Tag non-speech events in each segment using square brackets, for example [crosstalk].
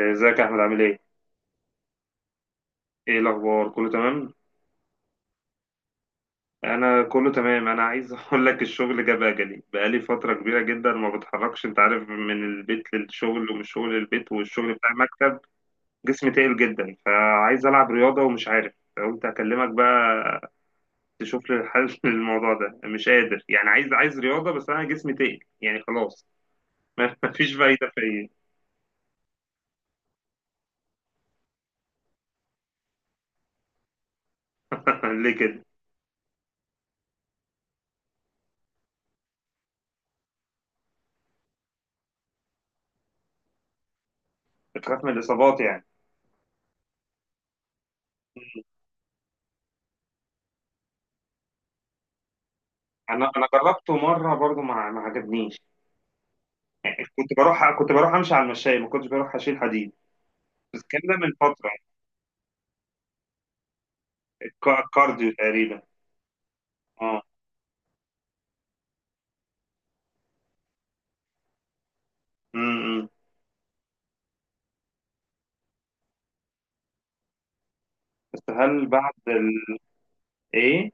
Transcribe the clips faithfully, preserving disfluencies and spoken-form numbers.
ازيك يا احمد، عامل ايه؟ ايه الاخبار، كله تمام؟ انا كله تمام. انا عايز [laughs] اقول لك، الشغل جاب اجلي. بقالي فتره كبيره جدا ما بتحركش، انت عارف، من البيت للشغل ومن الشغل للبيت، والشغل بتاع المكتب. جسمي تقيل جدا، فعايز العب رياضه ومش عارف. قلت اكلمك بقى تشوف لي الحل [laughs] للموضوع ده. مش قادر يعني. عايز عايز رياضه، بس انا جسمي تقيل يعني خلاص. [laughs] ما فيش فايده فيا. [laughs] ليه كده؟ بخاف من الاصابات يعني. انا انا جربته مره برضو، ما ما عجبنيش. كنت بروح كنت بروح امشي على المشاية، ما كنتش بروح اشيل حديد. بس الكلام ده من فترة يعني، الك- الكارديو تقريبا. اه. امم. بس هل بعد ال... ايه؟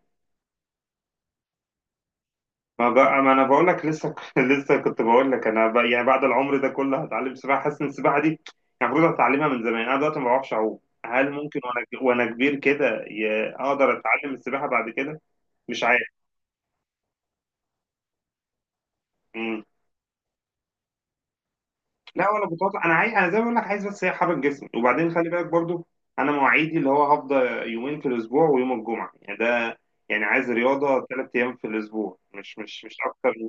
ما بقى ما انا بقول لك لسه. [laughs] لسه كنت بقول لك، انا بقى يعني بعد العمر ده كله هتعلم سباحة؟ حاسس ان السباحة دي كان المفروض اتعلمها من زمان. انا دلوقتي ما بعرفش اعوم. هل ممكن وانا وانا كبير كده ي- اقدر اتعلم السباحة بعد كده؟ مش عارف. لا ولا بطاطا، انا عايز، انا زي ما بقول لك، عايز بس هي حرك جسمي. وبعدين خلي بالك برضو، انا مواعيدي اللي هو هفضل يومين في الاسبوع ويوم الجمعه يعني ده. يعني عايز رياضه ثلاث ايام في الاسبوع، مش مش مش اكتر من.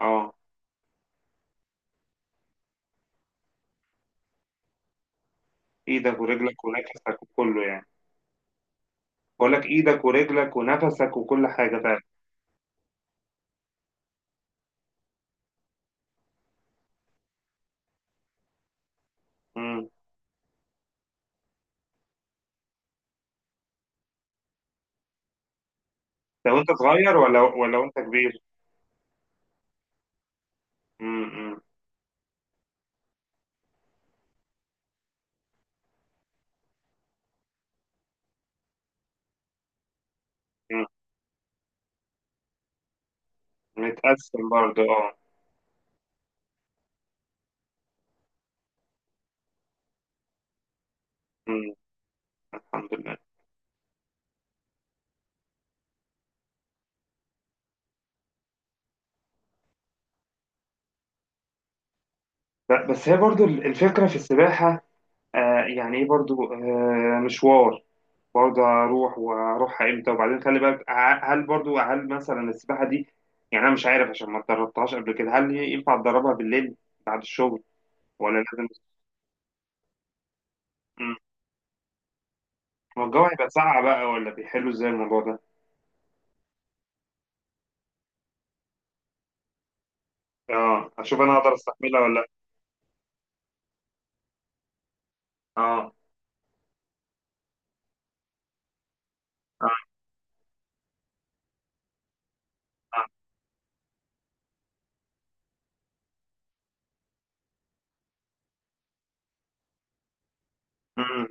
اه. ايدك ورجلك ونفسك وكله يعني. بقول لك ايدك ورجلك ونفسك وكل حاجه فعلا. امم. لو انت صغير ولا ولا وانت كبير؟ امم. امم. متقسم برضو، اه. امم. الحمد لله. ب- بس هي برضو الفكره في السباحه، آه يعني ايه برضو آه مشوار. برضه هروح وهروح امتى؟ وبعدين خلي بالك، ه- هل برضه هل مثلا السباحه دي، يعني انا مش عارف عشان ما اتدربتهاش قبل كده، هل هي ينفع اتدربها بالليل بعد الشغل، ولا لازم؟ مم. ما الجو هيبقى ساقع بقى، ولا بيحلوا ازاي الموضوع ده؟ اه، اشوف انا هقدر استحملها ولا لا. اه، اه. اه. مم.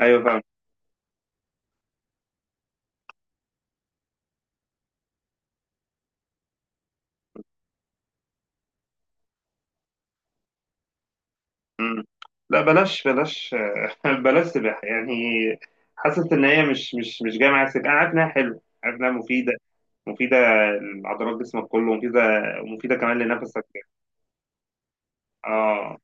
ايوه فاهم. مم. لا بلاش، بلاش [laughs] بلاش سباحة يعني. حاسس إن هي مش مش مش جاية معايا سباحة. أنا عارف إنها حلوة، عارف إنها مفيدة. مفيدة لعضلات جسمك كله، ومفيدة، ومفيدة كمان لنفسك. اه.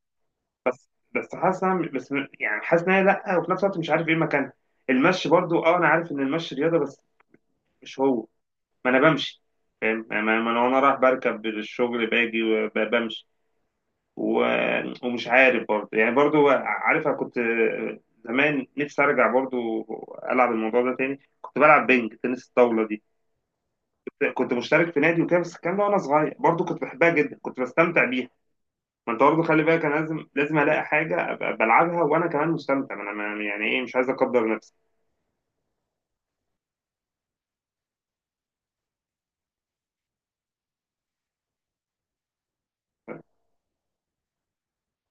بس بس حاسس إنها- بس، يعني حاسس إن هي لأ. وفي نفس الوقت مش عارف إيه مكانها. المشي برضو، أه، أنا عارف إن المشي رياضة بس مش هو. ما أنا بمشي، فاهم يعني؟ ما ما أنا وأنا رايح بركب للشغل، باجي وبمشي. و- ومش عارف برضه يعني، برضه عارف، أنا كنت زمان نفسي أرجع برضه ألعب الموضوع ده تاني. كنت بلعب بينج، تنس الطاولة دي. كنت مشترك في نادي وكده. بس الكلام ده وأنا صغير برضه. كنت بحبها جدا، كنت بستمتع بيها. ما أنت برضه خلي بالك، أنا لازم لازم ألاقي حاجة أبقى بلعبها وأنا كمان مستمتع. ما أنا ما- يعني إيه، مش عايز أقدر نفسي.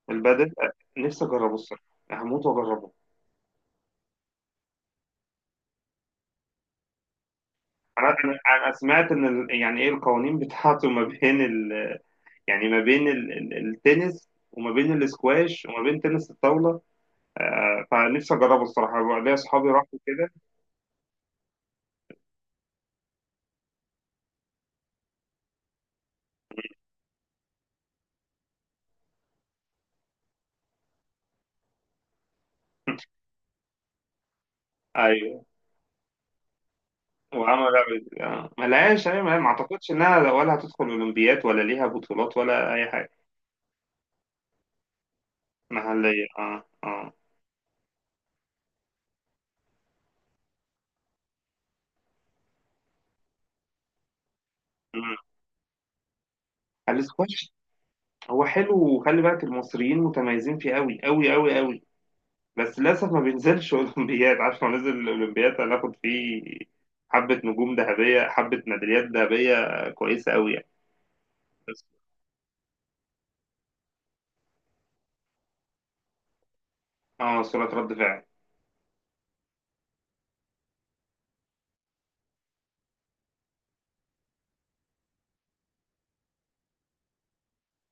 البادل، نفسي أجربه الصراحة. هموت وأجربه. أنا أنا أنا سمعت إن ال- يعني إيه، القوانين [laughs] بتاعته ما بين، يعني ما بين ال- ال- التنس وما بين الاسكواش وما بين تنس الطاولة، آه، فنفسي أجربه الصراحة بقى. ليا أصحابي راحوا كده. أيوه. وعمل آه، ملهاش. أيوه، ما أعتقدش إنها ولا هتدخل أولمبياد ولا ليها بطولات ولا أي حاجة. محلية، أه، أه. مم. الاسكواش، هو حلو، وخلي بالك، المصريين متميزين فيه أوي أوي أوي أوي. بس للأسف ما بينزلش [laughs] أولمبياد. عارف لو نزل الأولمبياد هناخد فيه حبة نجوم ذهبية، حبة ميداليات ذهبية كويسة أوي. يعني. اه، سرعة رد فعل.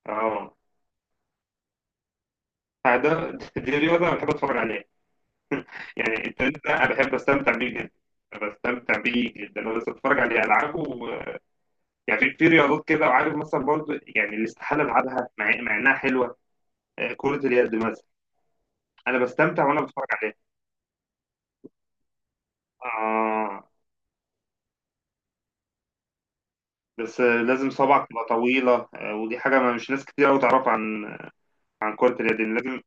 اه. آه، ده، دي رياضة انا بحب اتفرج عليها. يعني التنس ده انا بحب استمتع بيه جدا. أنا بستمتع بيه جدا. انا بس اتفرج عليه، العبه و- يعني في في رياضات كده، وعارف مثلا برضو، يعني الاستحالة العبها، مع مع انها حلوة، آه، كرة اليد مثلا. انا بستمتع وانا بتفرج عليها. اه، بس آه، لازم صبعك تبقى طويلة، آه، ودي حاجة ما مش ناس كتير قوي تعرف عن، عن كرة اليد، إن لازم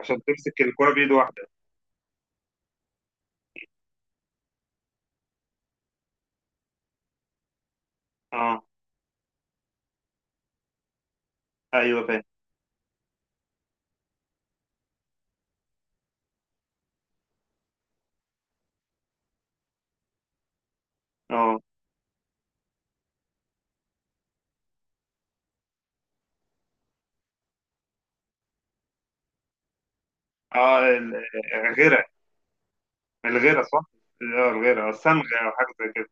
عشان تمسك الكرة بإيد واحدة. اه. ايوه، فاهم. اه، اه، ال- آه، غيرها. الغيرة، صح؟ اه، الغيرة، الصمغة أو حاجة زي كده.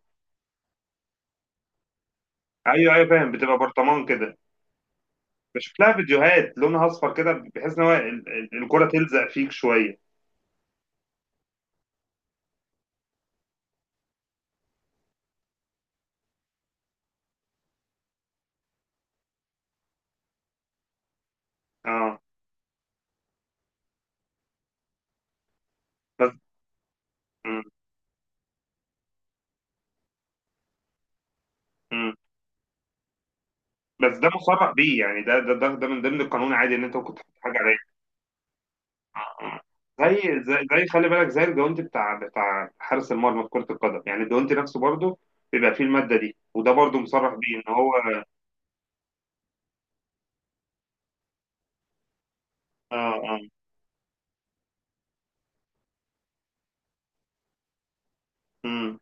أيوه، أيوه، فاهم. بتبقى برطمان كده. بشوف لها فيديوهات، لونها أصفر كده، بحيث إن هو ال- ال- الكرة تلزق فيك شوية. اه. بس. مم. مم. بس ده مسرح بيه يعني، ده ده ده, ده من ضمن القانون عادي، إن أنت ممكن تحط حاجة عليه. آه. زي زي زي خلي بالك، زي الجوانتي بتاع بتاع حارس المرمى في كرة القدم، يعني الجوانتي نفسه برضه بيبقى فيه المادة دي. وده برضه مصرح بيه إن هو. اه، اه. مم.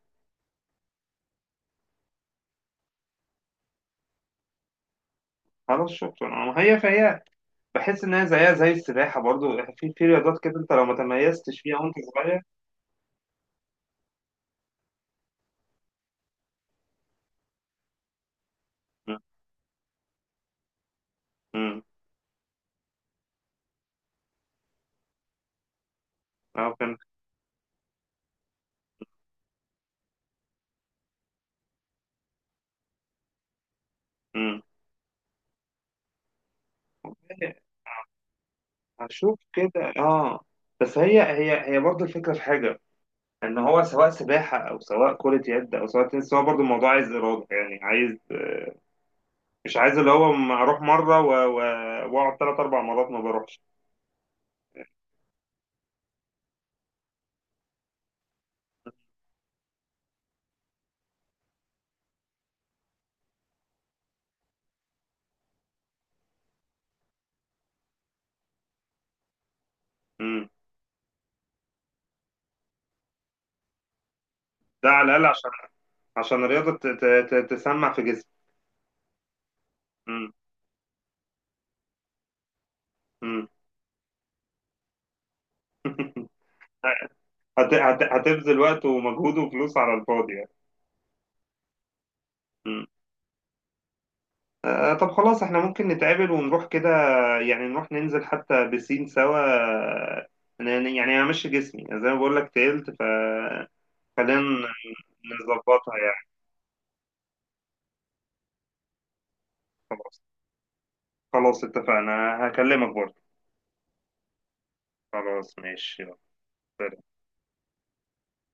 خلاص، شكرا. آه، هي فهي بحس ان هي زيها زي السباحه برضو. يعني في في رياضات كده، انت لو ما تميزتش فيها وانت صغير. مم. مم. اه، فهمت. مم. والله، هشوف كده، اه. بس هي هي هي برضو الفكره في حاجه، ان هو سواء سباحه او سواء كره يد او سواء تنس، هو برضو الموضوع عايز اراده، يعني عايز. مش عايز اللي هو م- اروح مره و- و- واقعد ثلاث اربع مرات ما بروحش. مم. ده على الاقل عشان، عشان الرياضه ت- ت- ت- تسمع في جسمي. مم. مم. [laughs] هت- هت- هتبذل وقت ومجهود وفلوس على الفاضي. مم. آه، طب خلاص، احنا ممكن نتقابل ونروح كده، يعني نروح ننزل حتى بسين سوا، آه، أنا- يعني همشي جسمي زي ما بقول لك، تقلت. فخلينا نظبطها يعني. خلاص. خلاص، اتفقنا. هكلمك برضه. خلاص، ماشي. يلا.